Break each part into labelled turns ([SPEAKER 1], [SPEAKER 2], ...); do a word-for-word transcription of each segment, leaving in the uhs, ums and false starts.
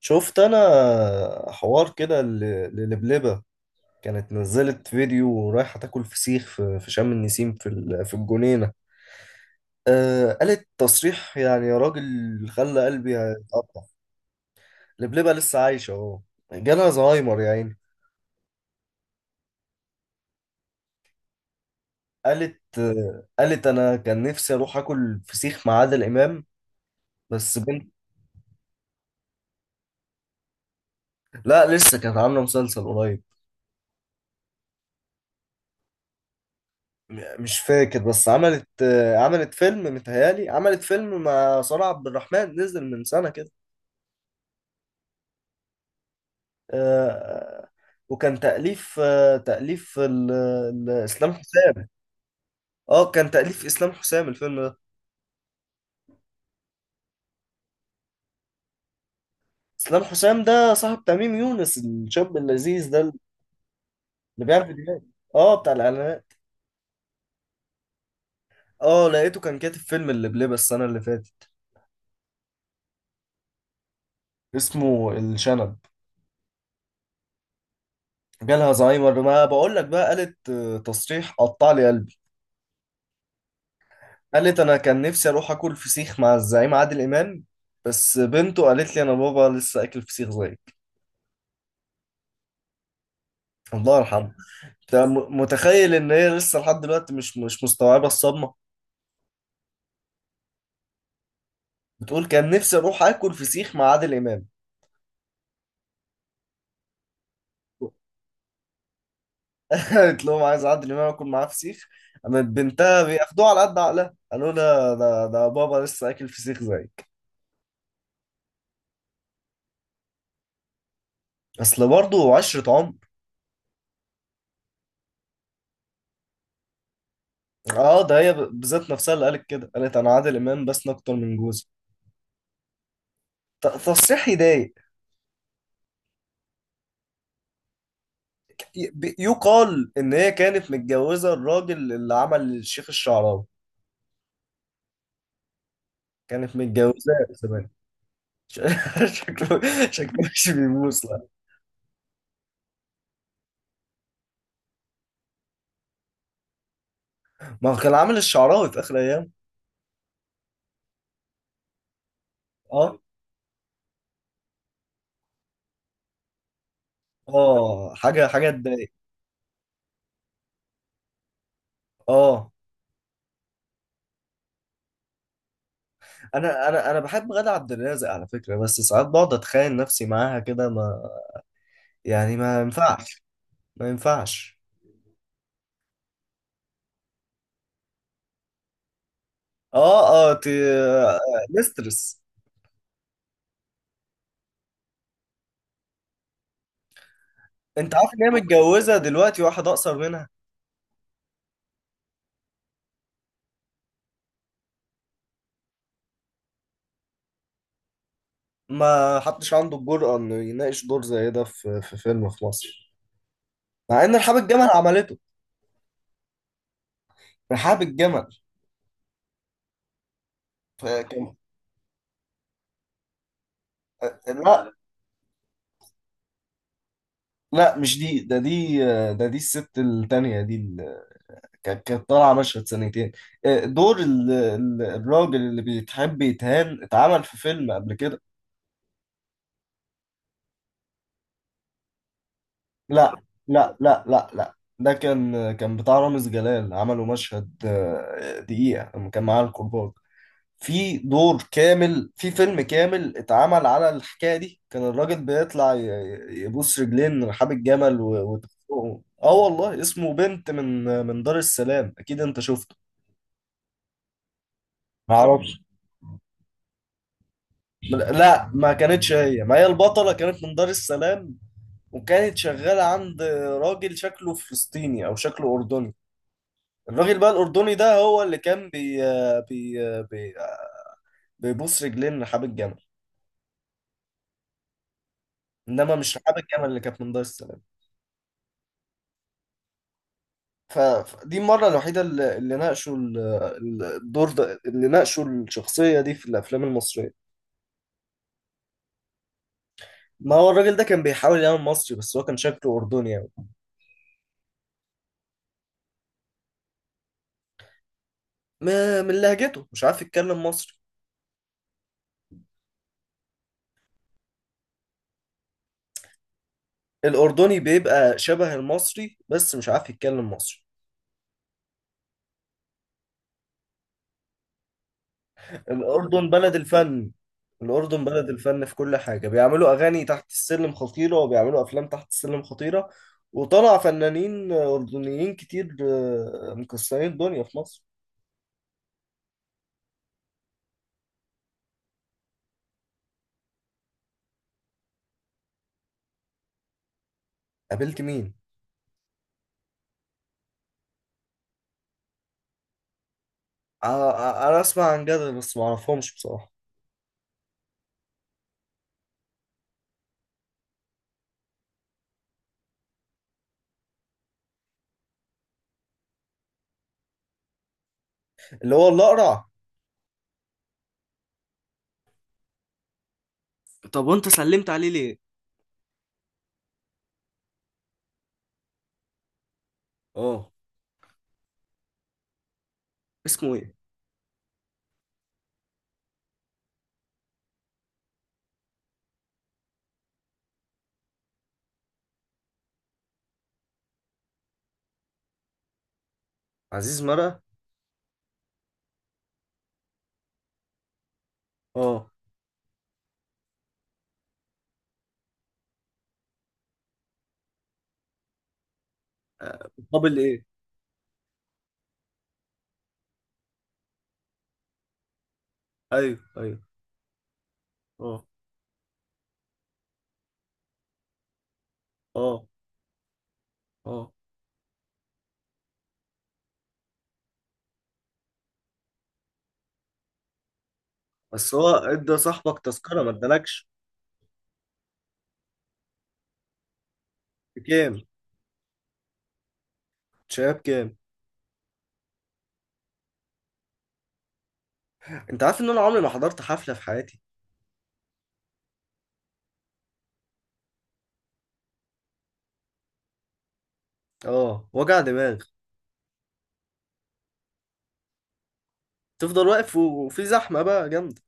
[SPEAKER 1] شفت انا حوار كده ل- للبلبة. كانت نزلت فيديو رايحة تاكل فسيخ في في شم النسيم في ال- في الجنينة. آه قالت تصريح يعني يا راجل، خلى قلبي يتقطع. لبلبة لسه عايشة اهو، جالها زهايمر يا عيني. قالت آه قالت انا كان نفسي اروح اكل فسيخ مع عادل امام. بس بنت. لا لسه كانت عاملة مسلسل قريب. م- مش فاكر، بس عملت آه، عملت فيلم، متهيالي عملت فيلم مع سارة عبد الرحمن نزل من سنة كده. آه، وكان تأليف آه، تأليف ال- ال- إسلام حسام. اه كان تأليف إسلام حسام الفيلم ده. إسلام حسام ده صاحب تميم يونس، الشاب اللذيذ ده اللي بيعمل فيديوهات. اه بتاع الإعلانات. اه لقيته كان كاتب فيلم اللي بلبس السنة اللي فاتت، اسمه الشنب. جالها زهايمر، ما بقول لك بقى، قالت آه، تصريح قطع لي قلبي. قالت انا كان نفسي اروح اكل فسيخ مع الزعيم عادل امام. بس بنته قالت لي انا بابا لسه اكل فسيخ زيك. الله يرحمه. انت م- متخيل ان هي لسه لحد دلوقتي مش مش مستوعبه الصدمه؟ بتقول كان نفسي اروح اكل فسيخ مع عادل امام. قالت لهم عايز عادل امام اكل معاه فسيخ. قامت بنتها بياخدوها على قد عقلها، قالوا لها ده ده بابا لسه اكل فسيخ زيك. اصل برضه عشره عمر. اه ده هي ب- بذات نفسها اللي قالت كده. قالت انا عادل امام بس اكتر من جوزي. ت- تصريح يضايق. ي- ب- يقال ان هي كانت متجوزه الراجل اللي عمل الشيخ الشعراوي، كانت متجوزاه زمان. ش- شكله، شكله مش بيبوس لا. ما هو كان عامل الشعراوي في اخر ايام. اه اه حاجه حاجه تضايق. اه انا انا انا بحب غادة عبد الرازق على فكره، بس ساعات بقعد اتخيل نفسي معاها كده، ما يعني ما ينفعش. ما ينفعش. اه اه تي... آه، مسترس. انت عارف ان هي متجوزه دلوقتي واحد اقصر منها؟ ما حدش عنده الجرأة انه يناقش دور زي ده في في فيلم في مصر. مع ان رحاب الجمل عملته. رحاب الجمل. ف- كان. لا لا، مش دي، ده دي، ده دي الست التانية دي اللي كانت كانت طالعة مشهد سنتين. آه، دور ال- ال- الراجل اللي بيتحب يتهان اتعمل في فيلم قبل كده. لا لا لا لا لا. ده كان كان بتاع رامز جلال، عملوا مشهد آه، دقيقة لما كان معاه الكرباج. في دور كامل في فيلم كامل اتعمل على الحكاية دي، كان الراجل بيطلع ي- ي- يبوس رجلين رحاب الجمل و... وتخنقه. اه والله اسمه بنت من من دار السلام، اكيد انت شفته. ما اعرفش. لا ما كانتش هي، ما هي البطلة كانت من دار السلام، وكانت شغالة عند راجل شكله فلسطيني او شكله اردني. الراجل بقى الاردني ده هو اللي كان بي بي بي بيبوس رجلين رحاب الجمل. انما مش رحاب الجمل اللي كانت من دار السلام. ف- فدي المرة الوحيدة اللي اللي ناقشوا ال- ال- الدور ده، اللي ناقشوا الشخصية دي في الافلام المصرية. ما هو الراجل ده كان بيحاول يعمل مصري، بس هو كان شكله اردني يعني. ما- من لهجته، مش عارف يتكلم مصري. الأردني بيبقى شبه المصري بس مش عارف يتكلم مصري. الأردن بلد الفن. الأردن بلد الفن في كل حاجة، بيعملوا أغاني تحت السلم خطيرة، وبيعملوا أفلام تحت السلم خطيرة. وطلع فنانين أردنيين كتير آه، مكسرين الدنيا في مصر. قابلت مين؟ آ- آ- أنا أسمع عن جدل بس معرفهمش بصراحة. اللي هو الأقرع؟ طب وأنت سلمت عليه ليه؟ اه، اسمه إيه؟ عزيز مرقة؟ اه، آه، مقابل إيه؟ أيوه أيوه. اه اه اه. بس هو ادى صاحبك تذكرة ما ادالكش؟ بكام؟ شايف كام؟ انت عارف ان انا عمري ما حضرت حفلة في حياتي؟ اه، وجع دماغ. تفضل واقف و- وفي زحمة بقى جامدة.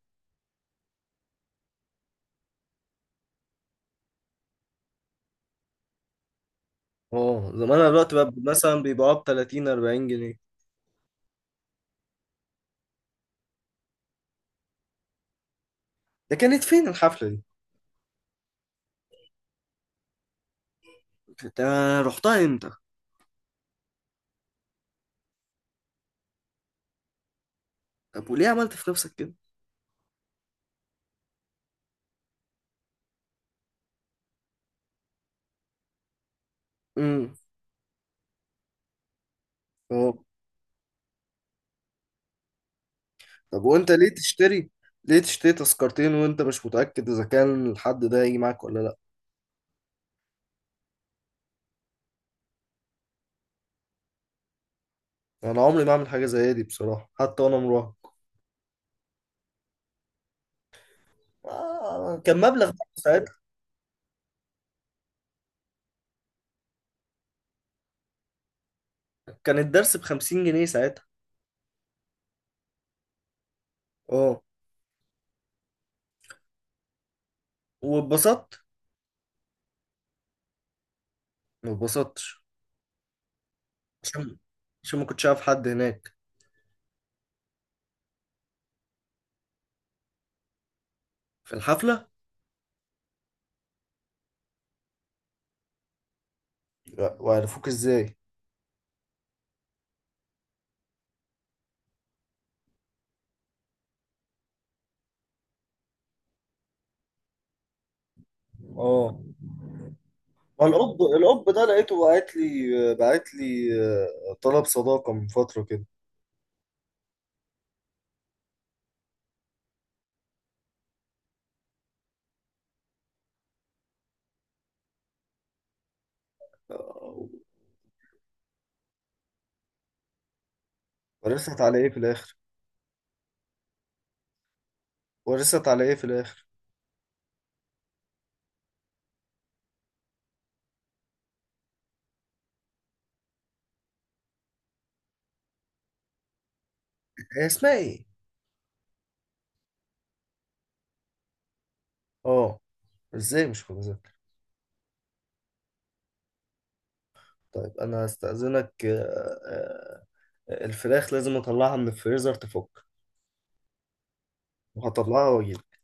[SPEAKER 1] اه، زمانها دلوقتي بقى مثلا بيبقوا ب تلاتين اربعين جنيه. ده كانت فين الحفلة دي؟ انت رحتها امتى؟ طب وليه عملت في نفسك كده؟ امم. اه. طب وانت ليه تشتري؟ ليه تشتري تذكرتين وانت مش متأكد اذا كان الحد ده هيجي معاك ولا لا؟ انا عمري ما اعمل حاجة زي دي بصراحة حتى وانا مراهق. آه، كان مبلغ بقى. كان الدرس بخمسين جنيه ساعتها. اه، واتبسطت؟ ما اتبسطتش؟ عشان عشان ما كنتش عارف حد هناك؟ في الحفلة؟ لا، وعرفوك ازاي؟ اه، الأب الأب ده لقيته بعت لي بعت لي آه، طلب صداقة من فترة كده. آه، ورثت على ايه في الآخر؟ ورثت على ايه في الآخر؟ هي اسمها ايه؟ اه. ازاي مش فاكر؟ طيب انا هستأذنك، آه، آه، الفراخ لازم اطلعها من الفريزر تفك، وهطلعها واجيلك.